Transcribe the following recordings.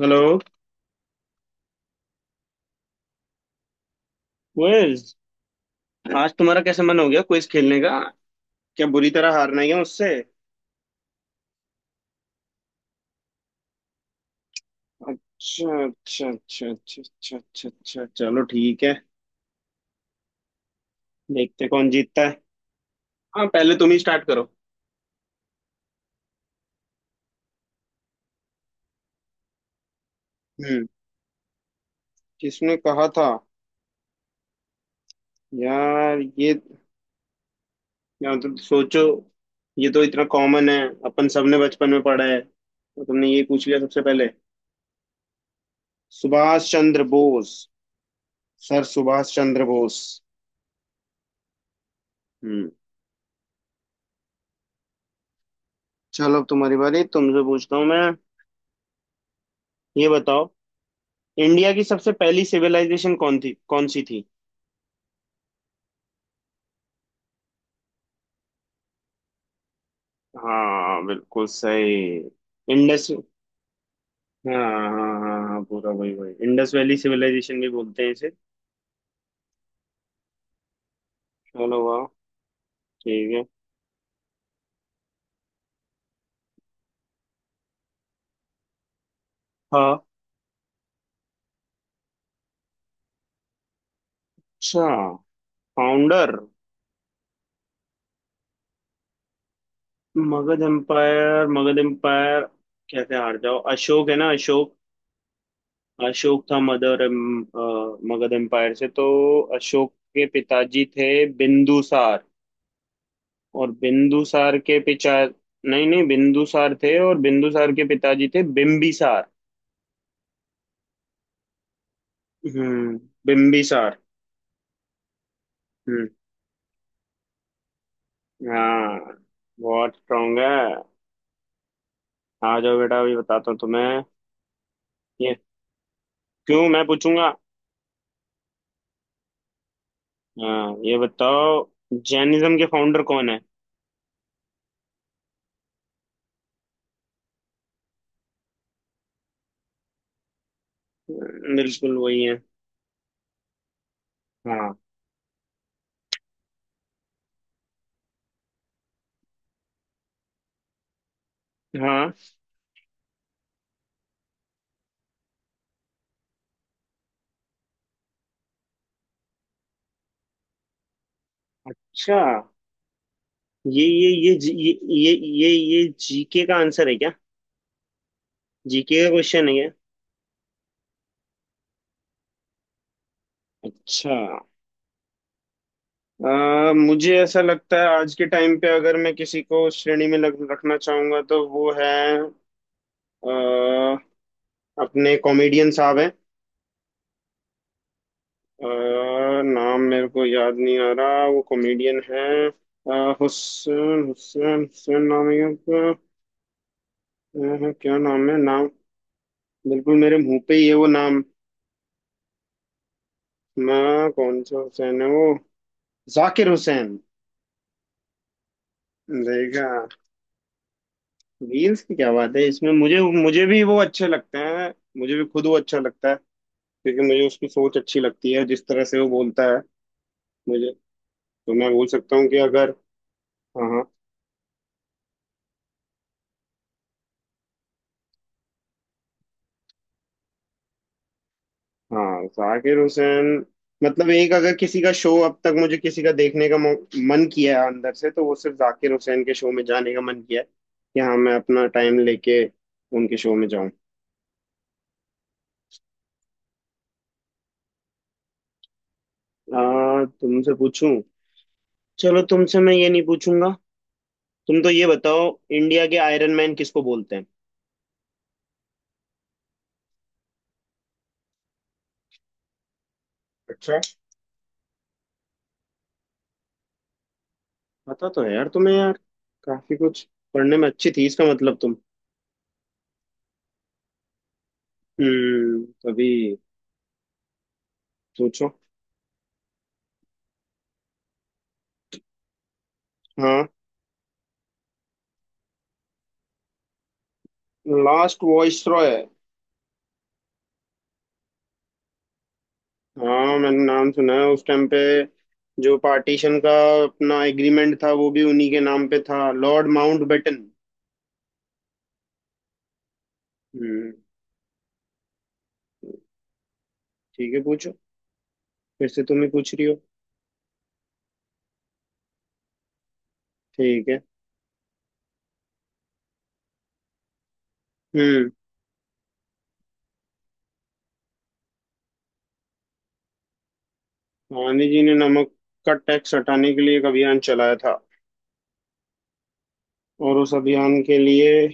Hello. Quiz. आज तुम्हारा कैसे मन हो गया क्विज खेलने का। क्या बुरी तरह हारना ही है उससे। अच्छा अच्छा अच्छा अच्छा अच्छा अच्छा अच्छा, चलो ठीक है। देखते हैं कौन जीतता है। हाँ, पहले तुम ही स्टार्ट करो। हम्म। किसने कहा था। यार ये यार तुम सोचो। ये तो इतना कॉमन है। अपन सबने बचपन में पढ़ा है। तो तुमने ये पूछ लिया सबसे पहले। सुभाष चंद्र बोस। सर सुभाष चंद्र बोस। हम्म। चलो, अब तुम्हारी बारी, तुमसे पूछता हूँ मैं। ये बताओ। इंडिया की सबसे पहली सिविलाइजेशन कौन थी, कौन सी थी। हाँ बिल्कुल सही। इंडस। हाँ हाँ हाँ हाँ, पूरा वही वही इंडस वैली सिविलाइजेशन भी बोलते हैं इसे। चलो वाह। ठीक है। हाँ। अच्छा। Founder. Magadh empire, Magadh empire. कैसे हार जाओ, अशोक है ना, अशोक। अशोक था मदर मगध एम्पायर से तो। अशोक के पिताजी थे बिंदुसार। और बिंदुसार के पिता। नहीं नहीं, बिंदुसार थे, और बिंदुसार के पिताजी थे बिंबिसार। हम्म। बिंबिसार। हम्म। हाँ। बहुत स्ट्रांग है। आ जाओ बेटा, अभी बताता हूँ तुम्हें। ये क्यों, मैं पूछूंगा। हाँ, ये बताओ। जैनिज्म के फाउंडर कौन है। बिल्कुल वही है। हाँ। हाँ। अच्छा। ये ये ये जी- ये ये जीके का आंसर है क्या। जीके का क्वेश्चन है क्या। अच्छा। मुझे ऐसा लगता है आज के टाइम पे अगर मैं किसी को उस श्रेणी में रखना चाहूंगा तो वो है अ, अपने कॉमेडियन साहब हैं। नाम मेरे को याद नहीं आ रहा, वो कॉमेडियन है। हुसैन हुसैन हुसैन नाम है उनका। क्या नाम है नाम। बिल्कुल मेरे मुंह पे ही है वो नाम। मैं कौन सा हुसैन है वो। जाकिर हुसैन। देखा। रील्स की क्या बात है इसमें, मुझे मुझे भी वो अच्छे लगते हैं। मुझे भी खुद वो अच्छा लगता है। क्योंकि मुझे उसकी सोच अच्छी लगती है, जिस तरह से वो बोलता है। मुझे। तो मैं बोल सकता हूँ कि अगर। हाँ हाँ। हाँ, जाकिर हुसैन। मतलब एक अगर किसी का शो अब तक मुझे किसी का देखने का मन किया है अंदर से, तो वो सिर्फ जाकिर हुसैन के शो में जाने का मन किया है। कि हाँ मैं अपना टाइम लेके उनके शो में जाऊं। तुमसे पूछूं। चलो तुमसे मैं ये नहीं पूछूंगा। तुम तो ये बताओ। इंडिया के आयरन मैन किसको बोलते हैं। अच्छा। पता तो है यार तुम्हें, यार काफी कुछ पढ़ने में अच्छी थी इसका मतलब तुम। हम्म, अभी सोचो। हाँ, लास्ट वॉइस रॉय है। हाँ, मैंने नाम सुना है उस टाइम पे, जो पार्टीशन का अपना एग्रीमेंट था, वो भी उन्हीं के नाम पे था, लॉर्ड माउंटबेटन। हम्म। ठीक है पूछो। फिर से तुम ही पूछ रही हो। ठीक है। हम्म। गांधी जी ने नमक का टैक्स हटाने के लिए एक अभियान चलाया था। और उस अभियान के लिए।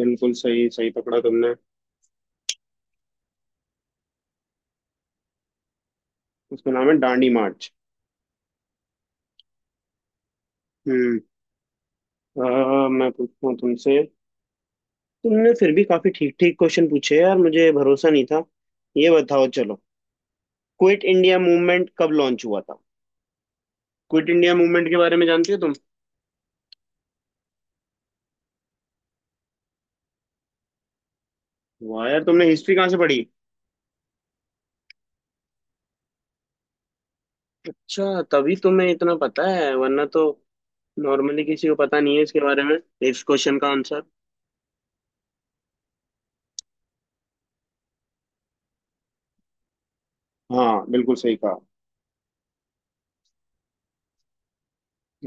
बिल्कुल सही, सही पकड़ा तुमने। उसका नाम है दांडी मार्च। हम्म। मैं पूछता हूँ तुमसे। तुमने फिर भी काफी ठीक ठीक क्वेश्चन पूछे यार, मुझे भरोसा नहीं था। ये बताओ चलो। क्विट इंडिया मूवमेंट कब लॉन्च हुआ था। क्विट इंडिया मूवमेंट के बारे में जानती हो तुम। वाह यार, तुमने हिस्ट्री कहाँ से पढ़ी। अच्छा, तभी तुम्हें इतना पता है, वरना तो नॉर्मली किसी को पता नहीं है इसके बारे में, इस क्वेश्चन का आंसर। हाँ बिल्कुल सही कहा।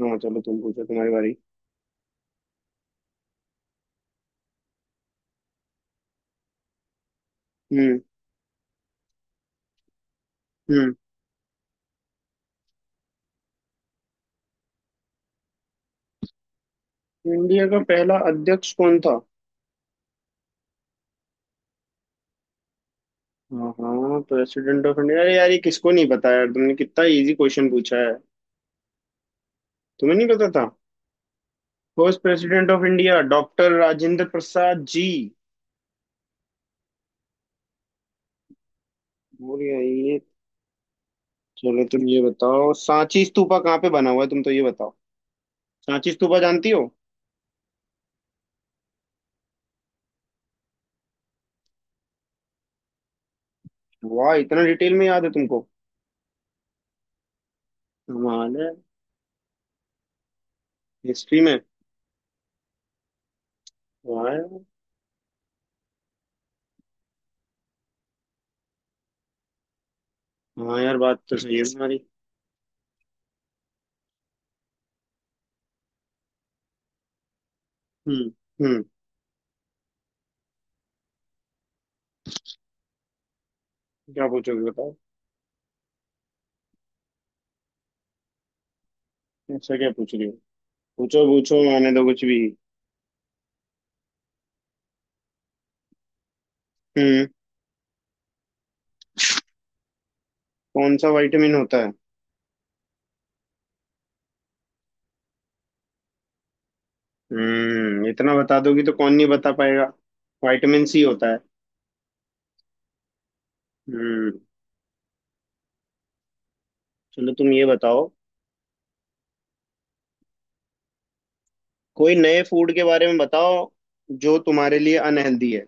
हाँ चलो तुम पूछो, तुम्हारी बारी। हम्म। हम्म। इंडिया का पहला अध्यक्ष कौन था। हाँ हाँ, प्रेसिडेंट ऑफ इंडिया, अरे यार ये किसको नहीं पता यार, तुमने कितना इजी क्वेश्चन पूछा है। तुम्हें नहीं पता। First president of India doctor Rajendra Prasad ji. बोलिए। ये चलो तुम ये बताओ, सांची स्तूपा कहाँ पे बना हुआ है, तुम तो ये बताओ। सांची स्तूपा जानती हो। वाह, इतना डिटेल में याद है तुमको। कमाल है। हिस्ट्री में। वाह यार। हाँ यार, बात तो सही है तुम्हारी। हम्म। हम्म। क्या पूछोगे बताओ। ऐसा क्या पूछ रही हो। पूछो पूछो, आने दो कुछ भी। हम्म। कौन सा विटामिन होता है। हम्म, इतना बता दोगी तो कौन नहीं बता पाएगा। विटामिन सी होता है। हम्म। चलो तुम ये बताओ। कोई नए फूड के बारे में बताओ, जो तुम्हारे लिए अनहेल्दी है।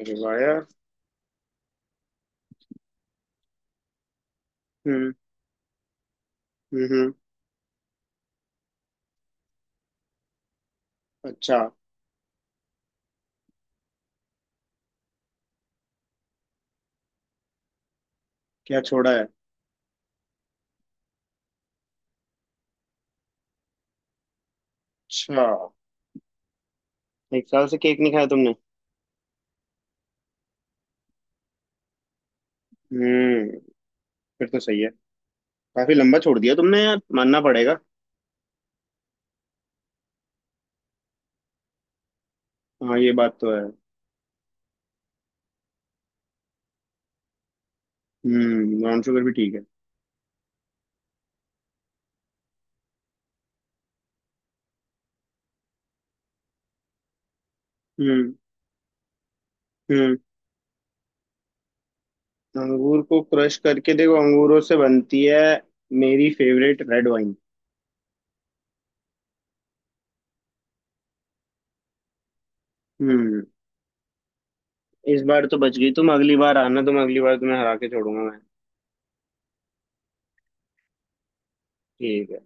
अरे वाह यार। हम्म। हम्म हम्म। अच्छा। क्या छोड़ा है। अच्छा, एक साल से केक नहीं खाया तुमने। हम्म, फिर तो सही है। काफी लंबा छोड़ दिया तुमने यार, मानना पड़ेगा। हाँ ये बात तो है। हम्म, ब्राउन शुगर भी ठीक है। हम्म। हम्म। अंगूर को क्रश करके देखो, अंगूरों से बनती है मेरी फेवरेट रेड वाइन। हम्म। इस बार तो बच गई तुम, अगली बार आना, तुम अगली बार तुम्हें हरा के छोड़ूंगा मैं। ठीक है।